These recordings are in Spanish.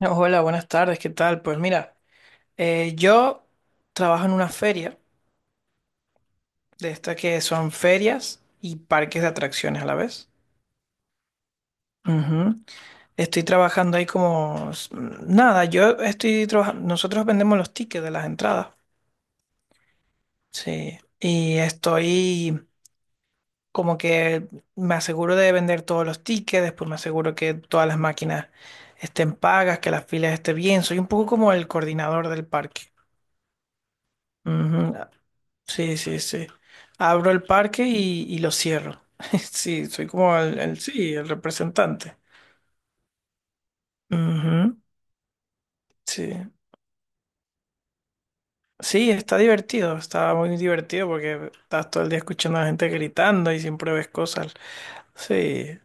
Hola, buenas tardes, ¿qué tal? Pues mira, yo trabajo en una feria, de estas que son ferias y parques de atracciones a la vez. Ujú. Estoy trabajando ahí como... Nada, yo estoy trabajando... Nosotros vendemos los tickets de las entradas, sí. Y estoy como que me aseguro de vender todos los tickets, después me aseguro que todas las máquinas estén pagas, que las filas estén bien. Soy un poco como el coordinador del parque. Ujú. Sí, sí, sí. Abro el parque y lo cierro. Sí, soy como el, sí, el representante. Ujú. Sí. Sí, está divertido, está muy divertido porque estás todo el día escuchando a la gente gritando y siempre ves cosas. Sí,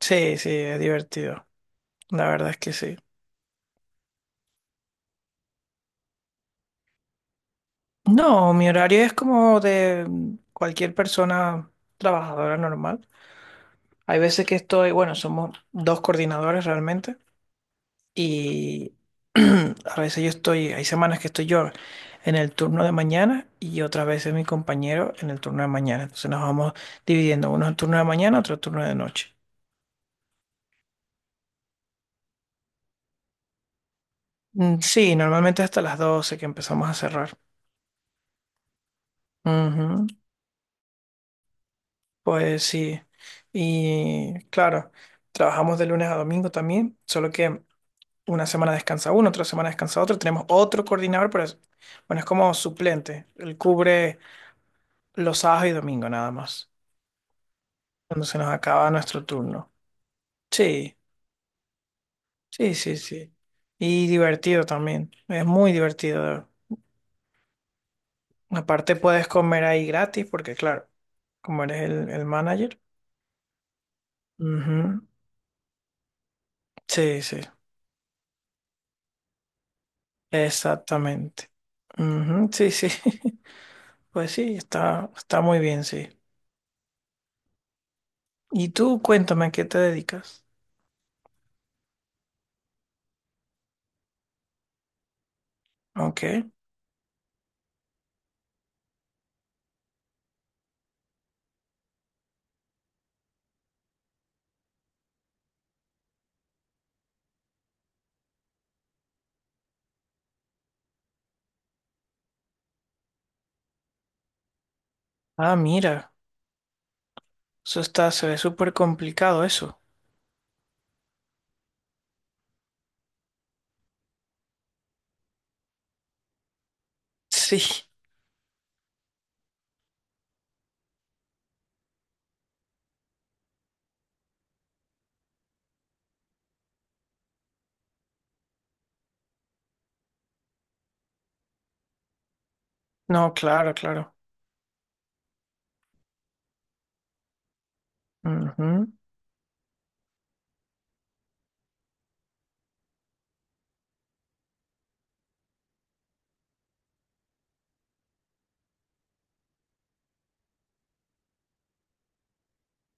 sí, sí, es divertido. La verdad es que sí. No, mi horario es como de cualquier persona trabajadora normal. Hay veces que estoy, bueno, somos dos coordinadores realmente. Y a veces yo estoy, hay semanas que estoy yo en el turno de mañana y otras veces mi compañero en el turno de mañana. Entonces nos vamos dividiendo, uno en turno de mañana, otro turno de noche. Mm, sí, normalmente hasta las 12:00 que empezamos a cerrar. Ujú. Pues sí. Y claro, trabajamos de lunes a domingo también, solo que una semana descansa uno, otra semana descansa otro. Tenemos otro coordinador, pero es, bueno, es como suplente. Él cubre los sábados y domingos nada más. Cuando se nos acaba nuestro turno. Sí, sí, sí, sí. Y divertido también. Es muy divertido. Aparte puedes comer ahí gratis porque, claro, como eres el manager. Ujú. Sí, sí, exactamente. Ujú. Sí, sí. Pues sí, está, está muy bien, sí. Y tú, cuéntame, ¿a qué te dedicas? Ok. Ah, mira. Eso está, se ve súper complicado eso. Sí. No, claro, claro. Ujú.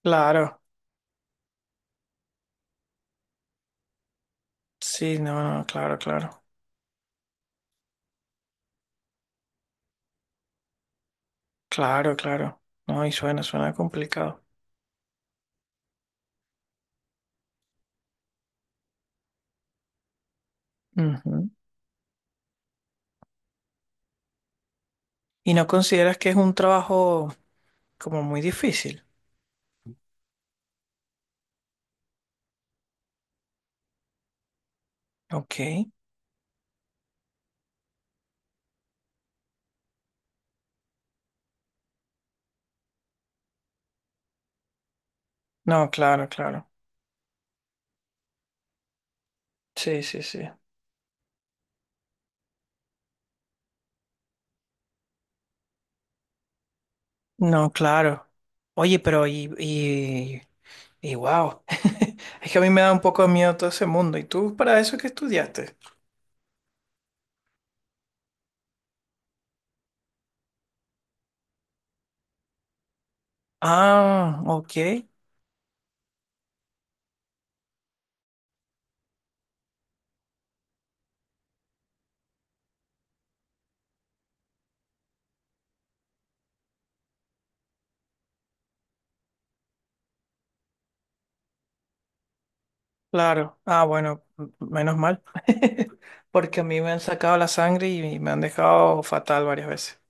Claro. Sí, no, no, claro, claro. Claro, claro. No, y suena, suena complicado. Ujú. ¿Y no consideras que es un trabajo como muy difícil? Ok. No, claro, claro. Sí, sí, sí. No, claro. Oye, pero y, wow. Es que a mí me da un poco de miedo todo ese mundo. ¿Y tú para eso qué estudiaste? Ah, ok. Claro. Ah, bueno, menos mal. Porque a mí me han sacado la sangre y me han dejado fatal varias veces.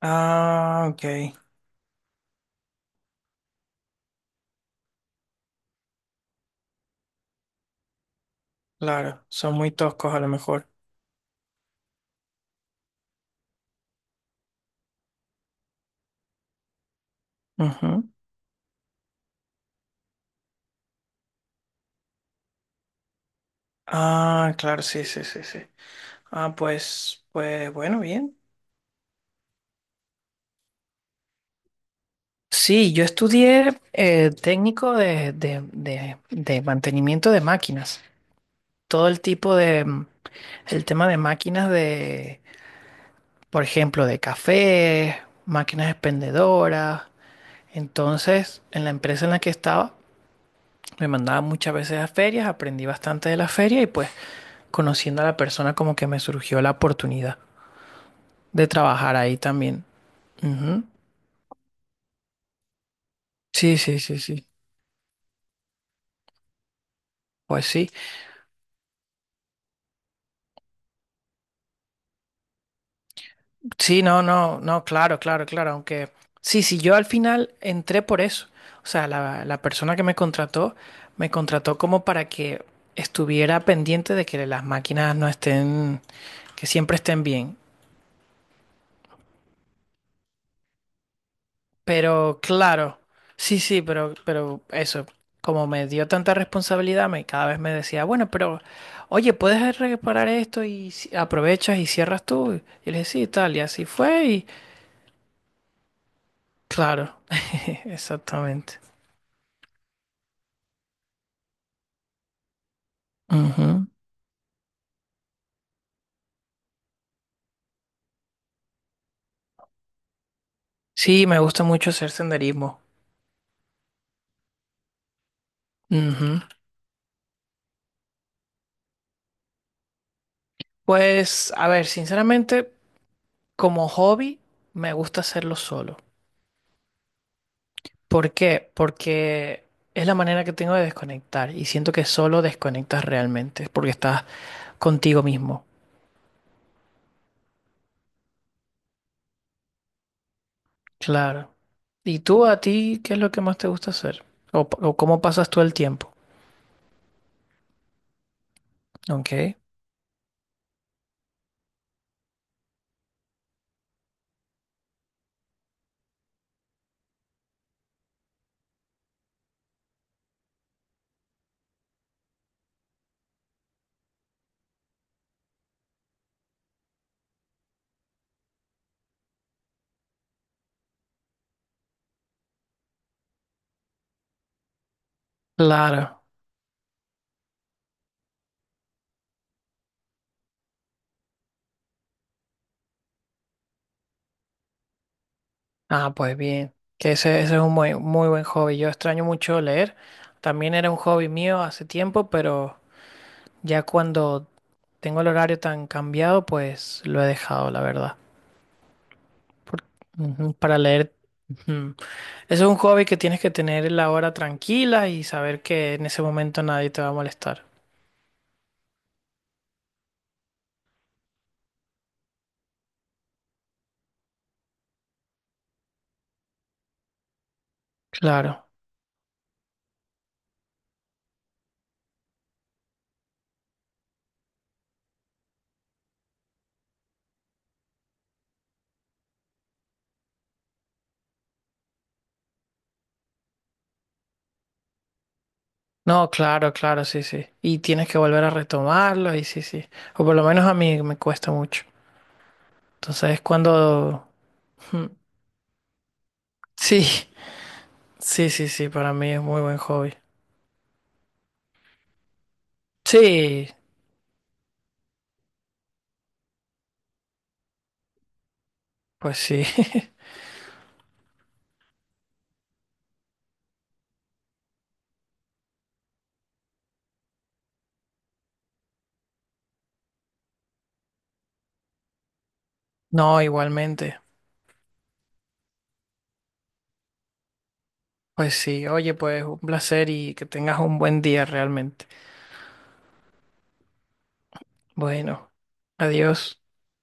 Ah, ok, claro, son muy toscos a lo mejor. Ujú. Ah, claro, sí, sí, sí, sí. Ah, pues, pues bueno, bien. Sí, yo estudié técnico de mantenimiento de máquinas. Todo el tipo de, el tema de máquinas de, por ejemplo, de café, máquinas expendedoras. Entonces, en la empresa en la que estaba, me mandaban muchas veces a ferias, aprendí bastante de las ferias y pues conociendo a la persona como que me surgió la oportunidad de trabajar ahí también. Ujú. Sí, sí, sí, sí. Pues sí. Sí, no, no, no, claro, claro, claro. Aunque sí, sí, yo al final entré por eso. O sea, la persona que me contrató como para que estuviera pendiente de que las máquinas no estén, que siempre estén bien. Pero claro, sí, sí, pero eso, como me dio tanta responsabilidad, me, cada vez me decía, bueno, pero oye, puedes reparar esto y aprovechas y cierras tú. Y le dije, sí, tal, y así fue, y claro, exactamente. Ujú. Sí, me gusta mucho hacer senderismo. Ujú. Pues, a ver, sinceramente, como hobby, me gusta hacerlo solo. ¿Por qué? Porque es la manera que tengo de desconectar y siento que solo desconectas realmente, es porque estás contigo mismo. Claro. ¿Y tú a ti qué es lo que más te gusta hacer? ¿O, o cómo pasas tú el tiempo? Ok. Claro. Ah, pues bien. Que ese es un muy, muy buen hobby. Yo extraño mucho leer. También era un hobby mío hace tiempo, pero ya cuando tengo el horario tan cambiado, pues lo he dejado, la verdad. Por- ujú, para leer. Ujú. Eso es un hobby que tienes que tener la hora tranquila y saber que en ese momento nadie te va a molestar. Claro. No, claro, claro, sí, sí. Y tienes que volver a retomarlo y sí, sí. O por lo menos a mí me cuesta mucho. Entonces, cuando... ujú. Sí, sí, sí, sí, para mí es muy buen hobby. Sí, pues sí. No, igualmente. Pues sí, oye, pues un placer y que tengas un buen día realmente. Bueno, adiós.